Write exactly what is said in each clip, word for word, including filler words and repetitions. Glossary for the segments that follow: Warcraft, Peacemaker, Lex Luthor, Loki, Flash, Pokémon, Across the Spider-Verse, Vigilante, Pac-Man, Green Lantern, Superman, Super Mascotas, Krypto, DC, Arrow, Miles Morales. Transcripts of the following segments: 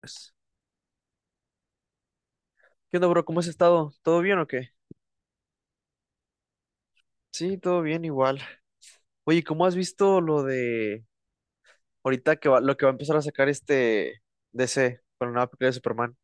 Pues, ¿qué onda, bro? ¿Cómo has estado? ¿Todo bien o qué? Sí, todo bien igual. Oye, ¿cómo has visto lo de ahorita que va, lo que va a empezar a sacar este D C con la nueva película de Superman?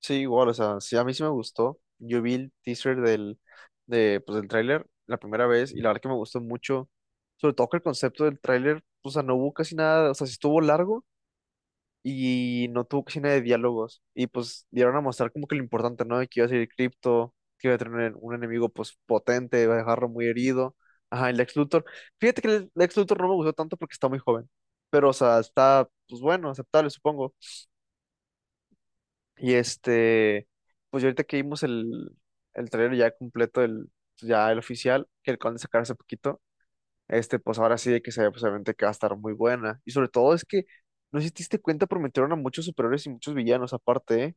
Sí, igual, o sea, sí, a mí sí me gustó. Yo vi el teaser del, de, pues, del tráiler la primera vez y la verdad que me gustó mucho. Sobre todo que el concepto del tráiler, o sea, no hubo casi nada, o sea, sí estuvo largo, y no tuvo casi nada de diálogos. Y pues dieron a mostrar como que lo importante, ¿no? De que iba a ser cripto, que iba a tener un enemigo pues potente, iba a dejarlo muy herido. Ajá, el Lex Luthor. Fíjate que el Lex Luthor no me gustó tanto porque está muy joven. Pero, o sea, está, pues bueno, aceptable, supongo. Y este, pues ya ahorita que vimos el, el trailer ya completo, el, pues, ya el oficial, que acaban de sacar hace poquito este, pues ahora sí de que se pues obviamente que va a estar muy buena. Y sobre todo es que, no sé si te diste cuenta, prometieron a muchos superhéroes y muchos villanos aparte, ¿eh?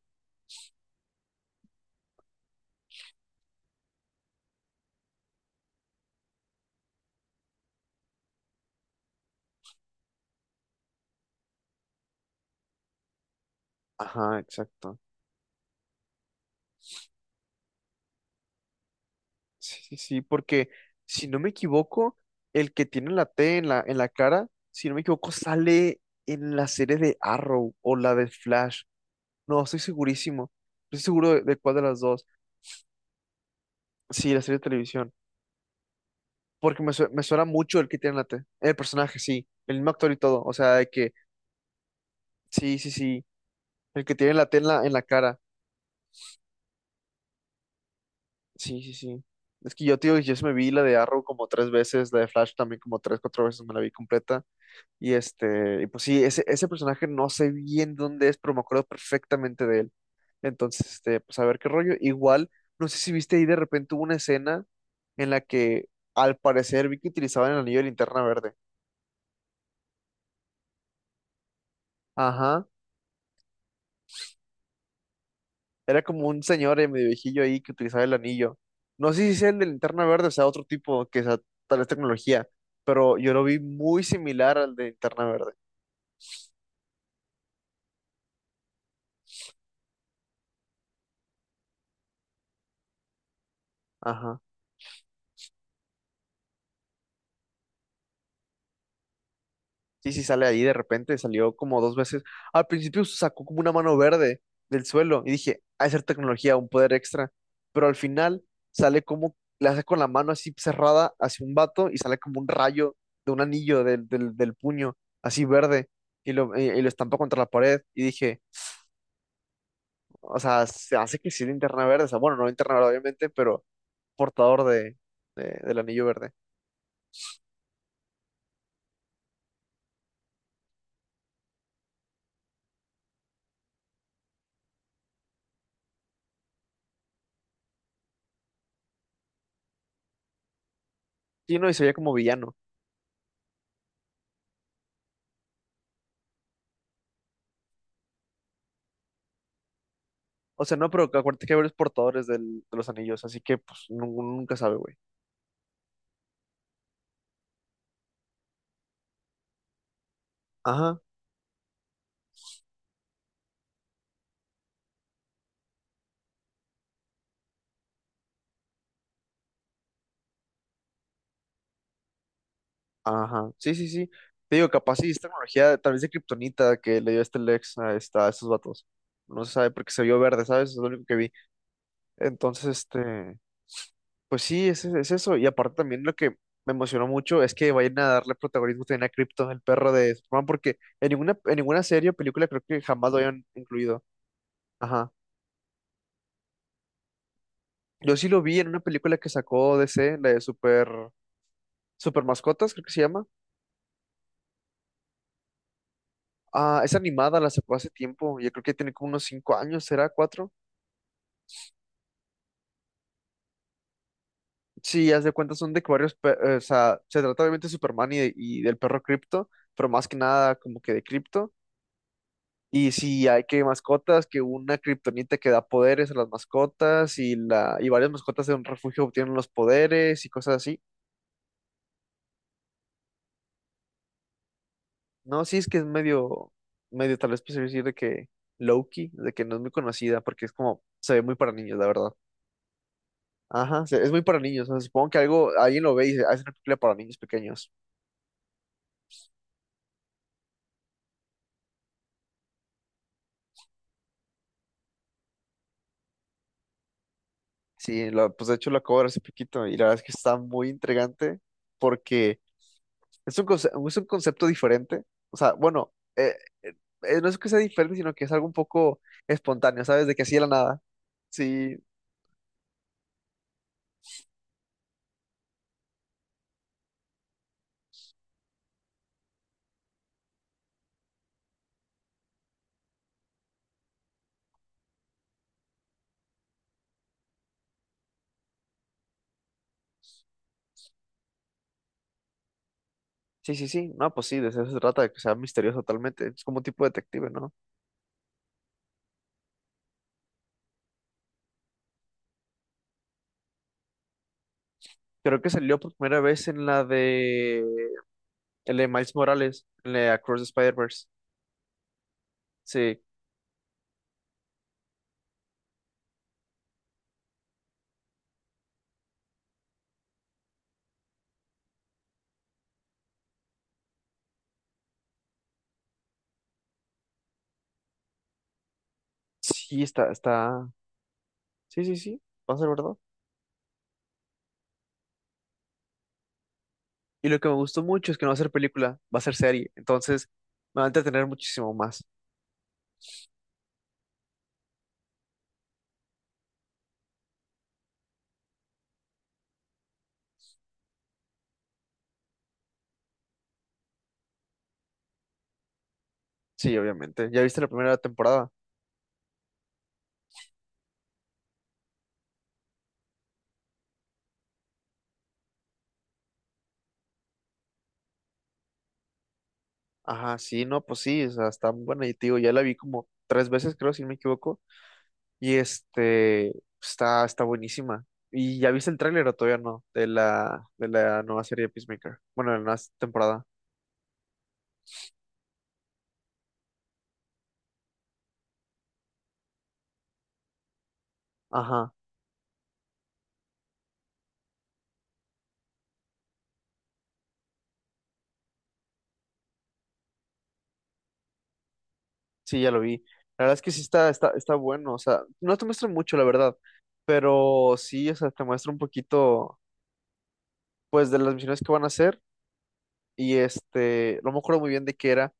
Ajá, exacto. Sí, sí, sí, porque si no me equivoco, el que tiene la T en la, en la cara, si no me equivoco, sale en la serie de Arrow o la de Flash. No, estoy segurísimo. No estoy seguro de, de cuál de las dos. Sí, la serie de televisión. Porque me, sue- me suena mucho el que tiene la T. El personaje, sí. El mismo actor y todo. O sea, de que, sí, sí, sí. El que tiene la T en la, en la cara. Sí, sí, sí. Es que yo, tío, yo sí me vi la de Arrow como tres veces, la de Flash también como tres, cuatro veces me la vi completa. Y este, y pues sí, ese, ese personaje no sé bien dónde es, pero me acuerdo perfectamente de él. Entonces, este, pues a ver qué rollo. Igual, no sé si viste ahí de repente hubo una escena en la que al parecer vi que utilizaban el anillo de linterna verde. Ajá. Era como un señor eh, medio viejillo ahí que utilizaba el anillo. No sé si sea el de linterna verde, o sea, otro tipo que sea tal vez tecnología, pero yo lo vi muy similar al de linterna verde. Ajá. Sí, sí, sale ahí de repente, salió como dos veces. Al principio sacó como una mano verde del suelo y dije, ha de ser tecnología, un poder extra. Pero al final sale como, le hace con la mano así cerrada hacia un vato y sale como un rayo de un anillo del, del, del puño, así verde, y lo, y y lo estampa contra la pared. Y dije, o sea, se hace que sí linterna verde, o sea, bueno, no linterna verde obviamente, pero portador de, de- del anillo verde. Sí, no, y se veía como villano. O sea, no, pero acuérdate que hay varios portadores del- de los anillos, así que pues nu- uno nunca sabe, güey. Ajá, ajá. Sí, sí, sí. Te digo, capaz sí es tecnología, tal vez de kriptonita que le dio este Lex a, esta, a estos vatos. No se sabe porque se vio verde, ¿sabes? Es lo único que vi. Entonces, este. Pues sí, es, es eso. Y aparte también lo que me emocionó mucho es que vayan a darle protagonismo también a Krypton, el perro de Superman, porque en ninguna, en ninguna serie o película creo que jamás lo hayan incluido. Ajá. Yo sí lo vi en una película que sacó D C, la de Super, Super Mascotas, creo que se llama. Ah, es animada, la sacó hace tiempo. Yo creo que tiene como unos cinco años, ¿será? ¿Cuatro? Sí, haz de cuenta son de que varios, pe- eh, o sea, se trata obviamente de Superman y, de- y del perro Krypto, pero más que nada como que de Krypto. Y si hay que mascotas, que una kriptonita que da poderes a las mascotas y la y varias mascotas de un refugio obtienen los poderes y cosas así. No, sí es que es medio medio tal vez pues decir de que Loki, de que no es muy conocida porque es como se ve muy para niños, la verdad. Ajá, se- es muy para niños, o sea, supongo que algo alguien lo ve y dice: "Ah, es una película para niños pequeños". Sí, lo- pues de hecho lo acabo de ver hace poquito y la verdad es que está muy intrigante porque es un conce- es un concepto diferente. O sea, bueno, eh, eh, no es que sea diferente, sino que es algo un poco espontáneo, ¿sabes? De que así de la nada. Sí, sí, sí, sí. No, pues sí, de eso se trata, de que sea misterioso totalmente. Es como un tipo de detective, ¿no? Creo que salió por primera vez en la de, el de Miles Morales, en la de Across the Spider-Verse. Sí, sí, está, está. Sí, sí, sí, va a ser verdad. Y lo que me gustó mucho es que no va a ser película, va a ser serie. Entonces, me va a entretener muchísimo más. Sí, obviamente. ¿Ya viste la primera temporada? Ajá, sí, no, pues sí, o sea, está muy buena y te digo, ya la vi como tres veces, creo, si no me equivoco, y este, está, está buenísima. ¿Y ya viste el tráiler o todavía no? De la, de la nueva serie de Peacemaker. Bueno, de la nueva temporada. Ajá, sí, ya lo vi. La verdad es que sí está, está, está bueno, o sea, no te muestra mucho, la verdad, pero sí, o sea, te muestra un poquito, pues, de las misiones que van a hacer, y este, no me acuerdo muy bien de qué era,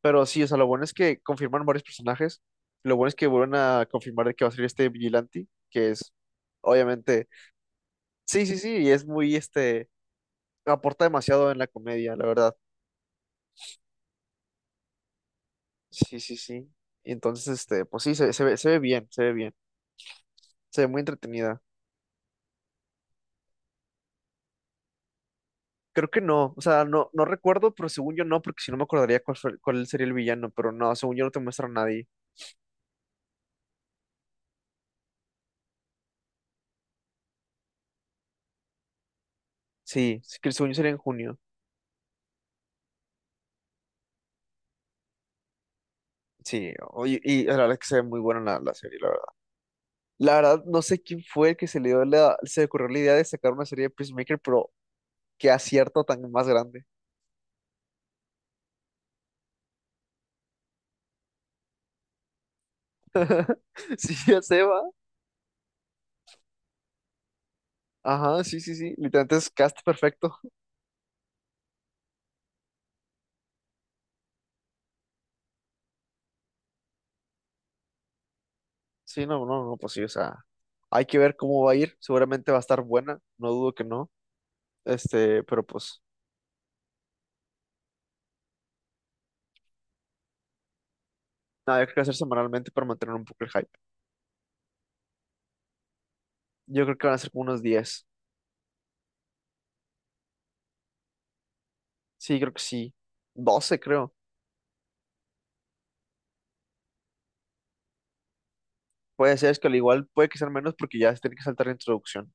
pero sí, o sea, lo bueno es que confirman varios personajes. Lo bueno es que vuelven a confirmar de que va a salir este Vigilante, que es, obviamente, sí, sí, sí, y es muy, este, aporta demasiado en la comedia, la verdad. Sí, sí, sí. Y entonces, este, pues sí, se, se ve, se ve bien, se ve bien, se ve muy entretenida. Creo que no, o sea, no, no recuerdo, pero según yo no, porque si no me acordaría cuál, fue- cuál sería el villano, pero no, según yo no te muestra a nadie. Sí, sí, que según yo sería en junio. Sí, oye, y la verdad es que se ve muy buena la la serie, la verdad. La verdad, no sé quién fue el que se le dio la, se le ocurrió la idea de sacar una serie de Peacemaker, pero qué acierto tan más grande. Sí, ya se va. Ajá, sí, sí, sí. Literalmente es cast perfecto. Sí, no, no, no, pues sí, o sea, hay que ver cómo va a ir. Seguramente va a estar buena, no dudo que no. Este, pero pues, nada, yo creo que va a ser semanalmente para mantener un poco el hype. Yo creo que van a ser como unos diez. Sí, creo que sí. Doce creo. Puede ser, es que al igual puede que sean menos porque ya se tiene que saltar la introducción.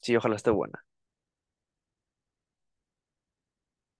Sí, ojalá esté buena.